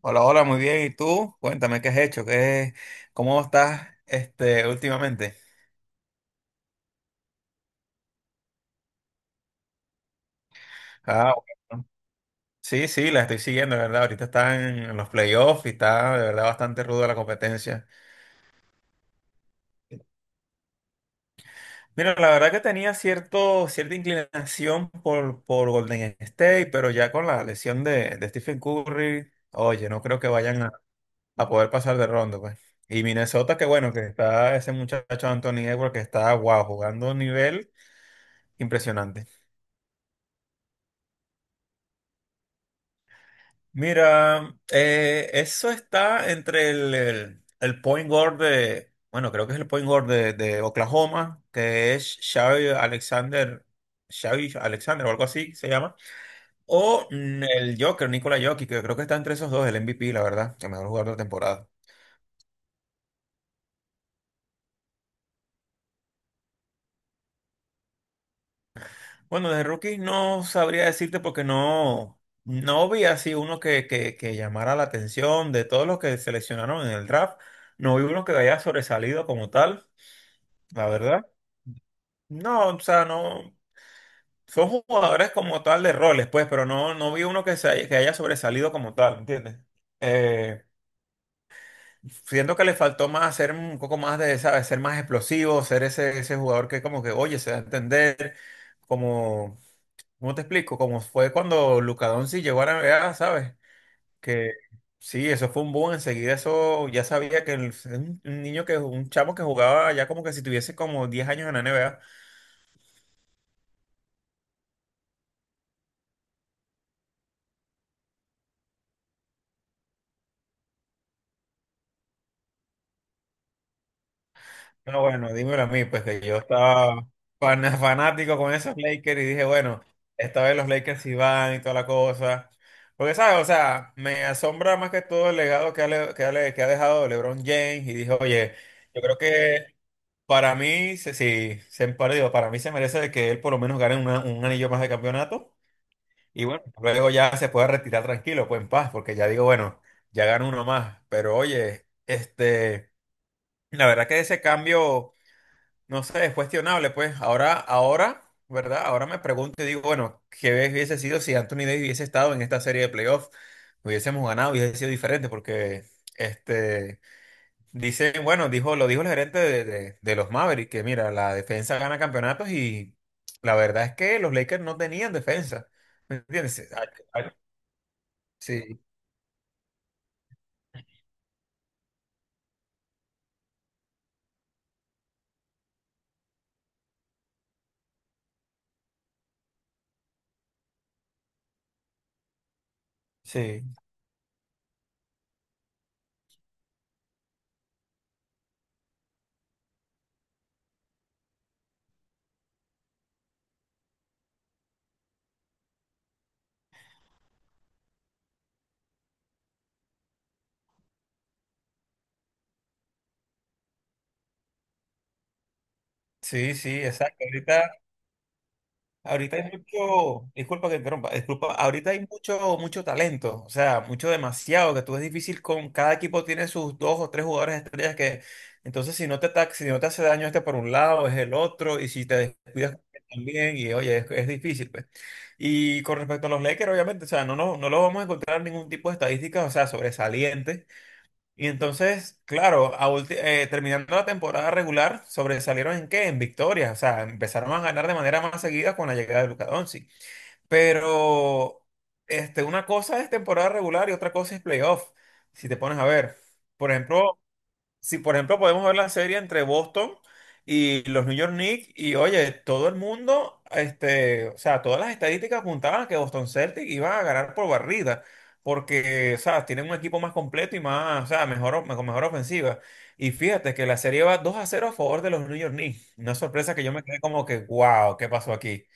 Hola, hola, muy bien. ¿Y tú? Cuéntame, ¿qué has hecho? ¿Cómo estás últimamente? Ah, bueno. Sí, sí, la estoy siguiendo, de ¿verdad? Ahorita están en los playoffs y está de verdad bastante ruda la competencia. Mira, la verdad que tenía cierta inclinación por Golden State, pero ya con la lesión de Stephen Curry, oye, no creo que vayan a poder pasar de ronda, pues. Y Minnesota, que bueno, que está ese muchacho Anthony Edwards que está, wow, jugando a un nivel impresionante. Mira, eso está entre el point guard de, bueno, creo que es el point guard de Oklahoma, que es Shay Alexander, Shay Alexander o algo así se llama, o el Joker, Nikola Jokic, que creo que está entre esos dos, el MVP, la verdad, el mejor jugador de la temporada. Bueno, de rookies no sabría decirte porque no vi así uno que llamara la atención de todos los que seleccionaron en el draft, no vi uno que haya sobresalido como tal, la verdad. No, o sea, no. Son jugadores como tal de roles, pues, pero no vi uno que haya sobresalido como tal, ¿entiendes? Eh, siento que le faltó más ser un poco más de, ¿sabes? Ser más explosivo, ser ese jugador que como que, oye, se da a entender, como, ¿cómo te explico? Como fue cuando Luka Doncic llegó a la NBA, ¿sabes? Que sí, eso fue un boom, enseguida eso, ya sabía que un niño que, un chamo que jugaba ya como que si tuviese como 10 años en la NBA. No, bueno, dímelo a mí, pues que yo estaba fanático con esos Lakers y dije, bueno, esta vez los Lakers sí van y toda la cosa. Porque, ¿sabes? O sea, me asombra más que todo el legado que ha dejado LeBron James y dije, oye, yo creo que para mí, se- sí, se, para digo, para mí se merece de que él por lo menos gane un anillo más de campeonato y bueno, luego ya se pueda retirar tranquilo, pues en paz, porque ya digo, bueno, ya gano uno más. Pero oye, la verdad que ese cambio. No sé, es cuestionable, pues. Ahora, ahora, ¿verdad? Ahora me pregunto y digo, bueno, ¿qué hubiese sido si Anthony Davis hubiese estado en esta serie de playoffs? Hubiésemos ganado, hubiese sido diferente, porque este dicen, bueno, lo dijo el gerente de los Mavericks, que mira, la defensa gana campeonatos y la verdad es que los Lakers no tenían defensa. ¿Me entiendes? Sí, sí, sí, sí, exacto. Ahorita hay mucho, disculpa que interrumpa, disculpa, ahorita hay mucho, mucho talento, o sea, mucho demasiado, que tú es difícil con, cada equipo tiene sus dos o tres jugadores estrellas que, entonces si no te ataca, si no te hace daño este por un lado, es el otro, y si te descuidas también, y oye, es difícil, pues. Y con respecto a los Lakers, obviamente, o sea, no lo vamos a encontrar ningún tipo de estadísticas, o sea, sobresalientes, y entonces, claro, terminando la temporada regular, sobresalieron en qué? En victorias. O sea, empezaron a ganar de manera más seguida con la llegada de Luka Doncic. Pero una cosa es temporada regular y otra cosa es playoff, si te pones a ver. Por ejemplo, si, por ejemplo, podemos ver la serie entre Boston y los New York Knicks, y oye, todo el mundo, o sea, todas las estadísticas apuntaban a que Boston Celtics iba a ganar por barrida, porque, o sea, tienen un equipo más completo y más, o sea, mejor, con mejor ofensiva. Y fíjate que la serie va 2-0 a favor de los New York Knicks. Una sorpresa que yo me quedé como que, wow, ¿qué pasó aquí?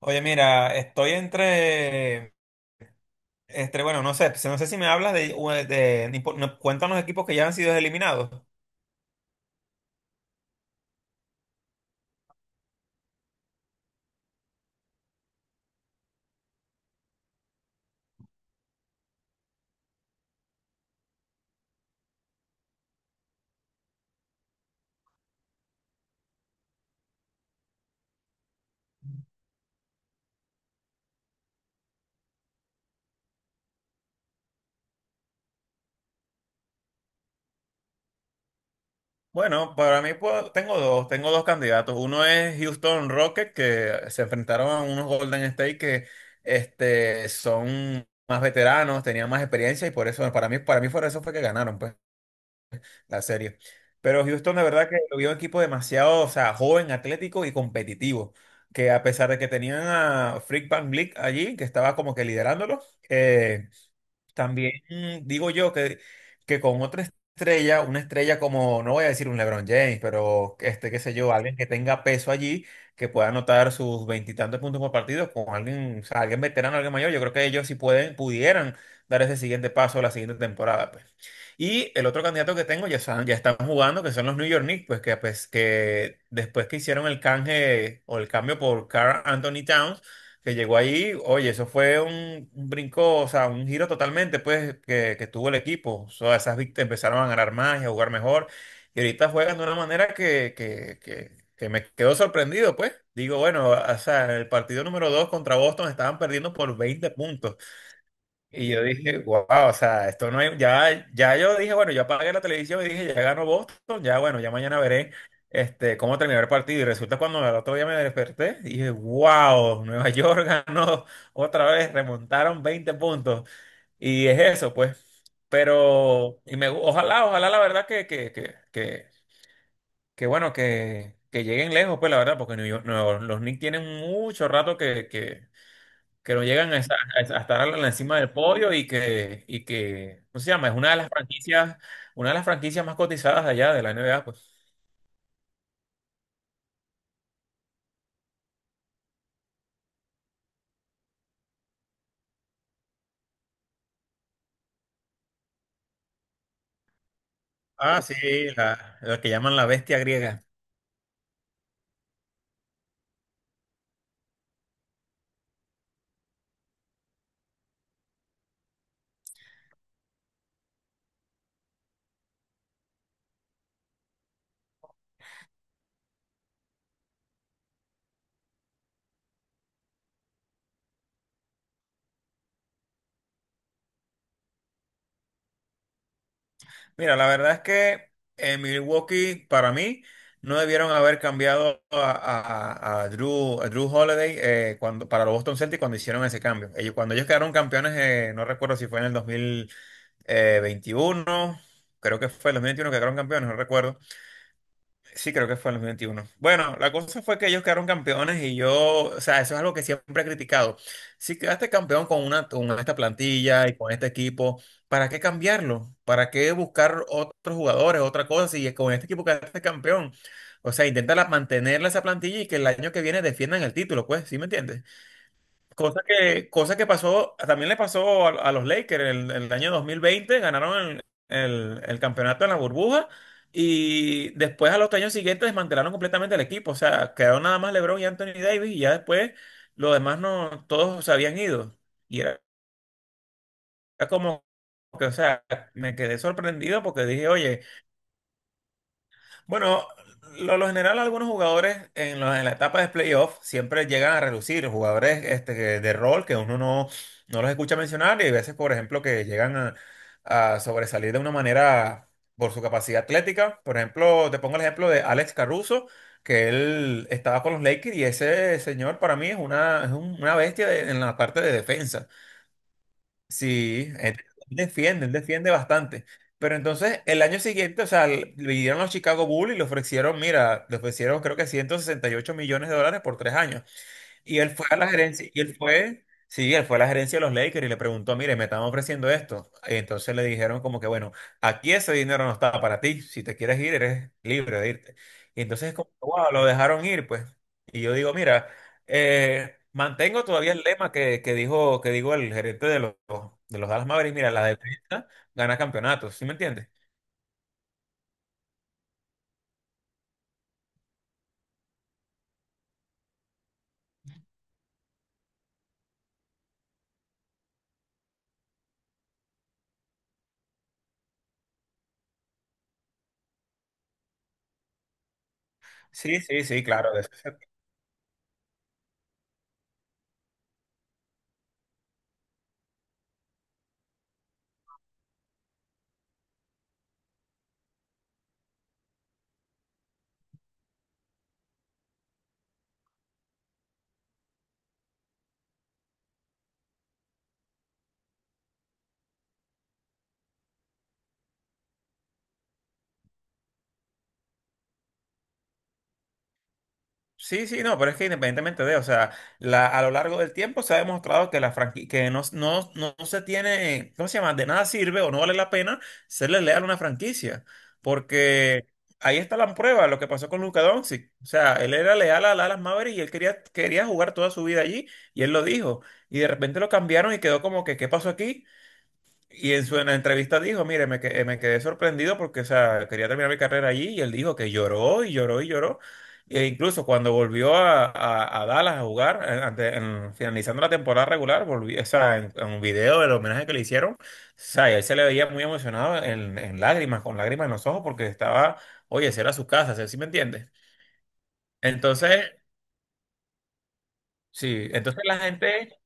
Oye, mira, estoy entre, entre, bueno, no sé, no sé si me hablas de, de- cuéntanos equipos que ya han sido eliminados. Bueno, para mí tengo dos candidatos. Uno es Houston Rockets, que se enfrentaron a unos Golden State que son más veteranos, tenían más experiencia y por eso, para mí por eso fue que ganaron pues, la serie. Pero Houston de verdad que lo vio un equipo demasiado, o sea, joven, atlético y competitivo, que a pesar de que tenían a Freak Van Vliet allí, que estaba como que liderándolo, eh, también digo yo que con otra estrella, una estrella como, no voy a decir un LeBron James, pero qué sé yo, alguien que tenga peso allí, que pueda anotar sus veintitantos puntos por partido, con alguien, o sea, alguien veterano, alguien mayor, yo creo que ellos sí pueden, pudieran dar ese siguiente paso la siguiente temporada, pues. Y el otro candidato que tengo, ya están jugando, que son los New York Knicks, pues, que después que hicieron el canje o el cambio por Karl Anthony Towns, que llegó ahí, oye, eso fue un brinco, o sea, un giro totalmente, pues, que tuvo el equipo. O sea, esas víctimas empezaron a ganar más y a jugar mejor. Y ahorita juegan de una manera que me quedó sorprendido, pues. Digo, bueno, o sea, en el partido número 2 contra Boston estaban perdiendo por 20 puntos. Y yo dije, wow, o sea, esto no hay, ya yo dije, bueno, yo apagué la televisión y dije, ya ganó Boston, ya bueno, ya mañana veré cómo terminar el partido. Y resulta cuando al otro día me desperté, dije, wow, Nueva York ganó otra vez, remontaron 20 puntos. Y es eso, pues. Pero, y me, ojalá, ojalá la verdad que bueno, que lleguen lejos, pues la verdad, porque los Knicks tienen mucho rato que no llegan a, a estar a encima del podio y que, ¿cómo se llama? Es una de las franquicias, una de las franquicias más cotizadas de allá de la NBA, pues. Ah, sí, la que llaman la bestia griega. Mira, la verdad es que en Milwaukee, para mí, no debieron haber cambiado a Drew Holiday cuando, para los Boston Celtics cuando hicieron ese cambio. Ellos, cuando ellos quedaron campeones, no recuerdo si fue en el 2021, creo que fue el 2021 que quedaron campeones, no recuerdo. Sí, creo que fue en el 21. Bueno, la cosa fue que ellos quedaron campeones y yo, o sea, eso es algo que siempre he criticado. Si quedaste campeón con esta plantilla y con este equipo, ¿para qué cambiarlo? ¿Para qué buscar otros jugadores, otra cosa? Si con este equipo quedaste campeón. O sea, intenta mantenerla esa plantilla y que el año que viene defiendan el título, pues, ¿sí me entiendes? Cosa que pasó, también le pasó a los Lakers el año 2020, ganaron el campeonato en la burbuja y después a los años siguientes desmantelaron completamente el equipo, o sea, quedaron nada más LeBron y Anthony Davis y ya después los demás no, todos se habían ido. Y era, era como que, o sea, me quedé sorprendido porque dije, oye, bueno, lo general algunos jugadores en, la etapa de playoff siempre llegan a relucir, jugadores de rol que uno no los escucha mencionar y hay veces, por ejemplo, que llegan a sobresalir de una manera por su capacidad atlética. Por ejemplo, te pongo el ejemplo de Alex Caruso, que él estaba con los Lakers y ese señor para mí es una bestia en la parte de defensa. Sí, él defiende bastante. Pero entonces, el año siguiente, o sea, le dieron los Chicago Bulls y le ofrecieron, mira, le ofrecieron creo que $168 millones por 3 años. Y él fue a la gerencia, él fue a la gerencia de los Lakers y le preguntó, mire, me están ofreciendo esto. Y entonces le dijeron como que, bueno, aquí ese dinero no está para ti, si te quieres ir, eres libre de irte. Y entonces como, wow, lo dejaron ir, pues. Y yo digo, mira, mantengo todavía el lema que dijo el gerente de los Dallas Mavericks, mira, la defensa gana campeonatos, ¿sí me entiendes? Sí, sí, sí, claro, de eso. Sí, sí, no, pero es que independientemente de, o sea, la, a lo largo del tiempo se ha demostrado que la franquicia, que no no se tiene, ¿cómo se llama? De nada sirve o no vale la pena serle leal a una franquicia, porque ahí está la prueba, lo que pasó con Luka Doncic, o sea, él era leal a Dallas Mavericks y él quería, quería jugar toda su vida allí y él lo dijo, y de repente lo cambiaron y quedó como que, ¿qué pasó aquí? Y en la entrevista dijo, mire, me quedé sorprendido porque, o sea, quería terminar mi carrera allí y él dijo que lloró y lloró y lloró. E incluso cuando volvió a Dallas a jugar, finalizando la temporada regular, volvió, o sea, en un video del homenaje que le hicieron, o sea, y él se le veía muy emocionado en lágrimas, con lágrimas en los ojos porque estaba, oye, esa era su casa, ¿sí, sí me entiendes? Entonces, sí, entonces la gente.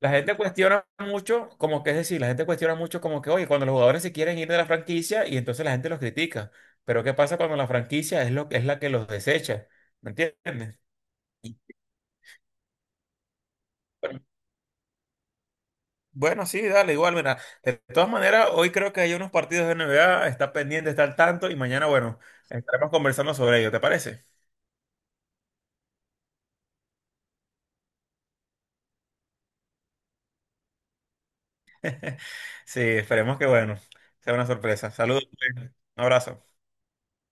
La gente cuestiona mucho, como que es decir, la gente cuestiona mucho como que, oye, cuando los jugadores se quieren ir de la franquicia y entonces la gente los critica. Pero ¿qué pasa cuando la franquicia es lo es la que los desecha? ¿Me entiendes? Bueno, sí, dale, igual, mira. De todas maneras, hoy creo que hay unos partidos de NBA, está pendiente, está al tanto y mañana, bueno, estaremos conversando sobre ello, ¿te parece? Sí, esperemos que, bueno, sea una sorpresa. Saludos, un abrazo.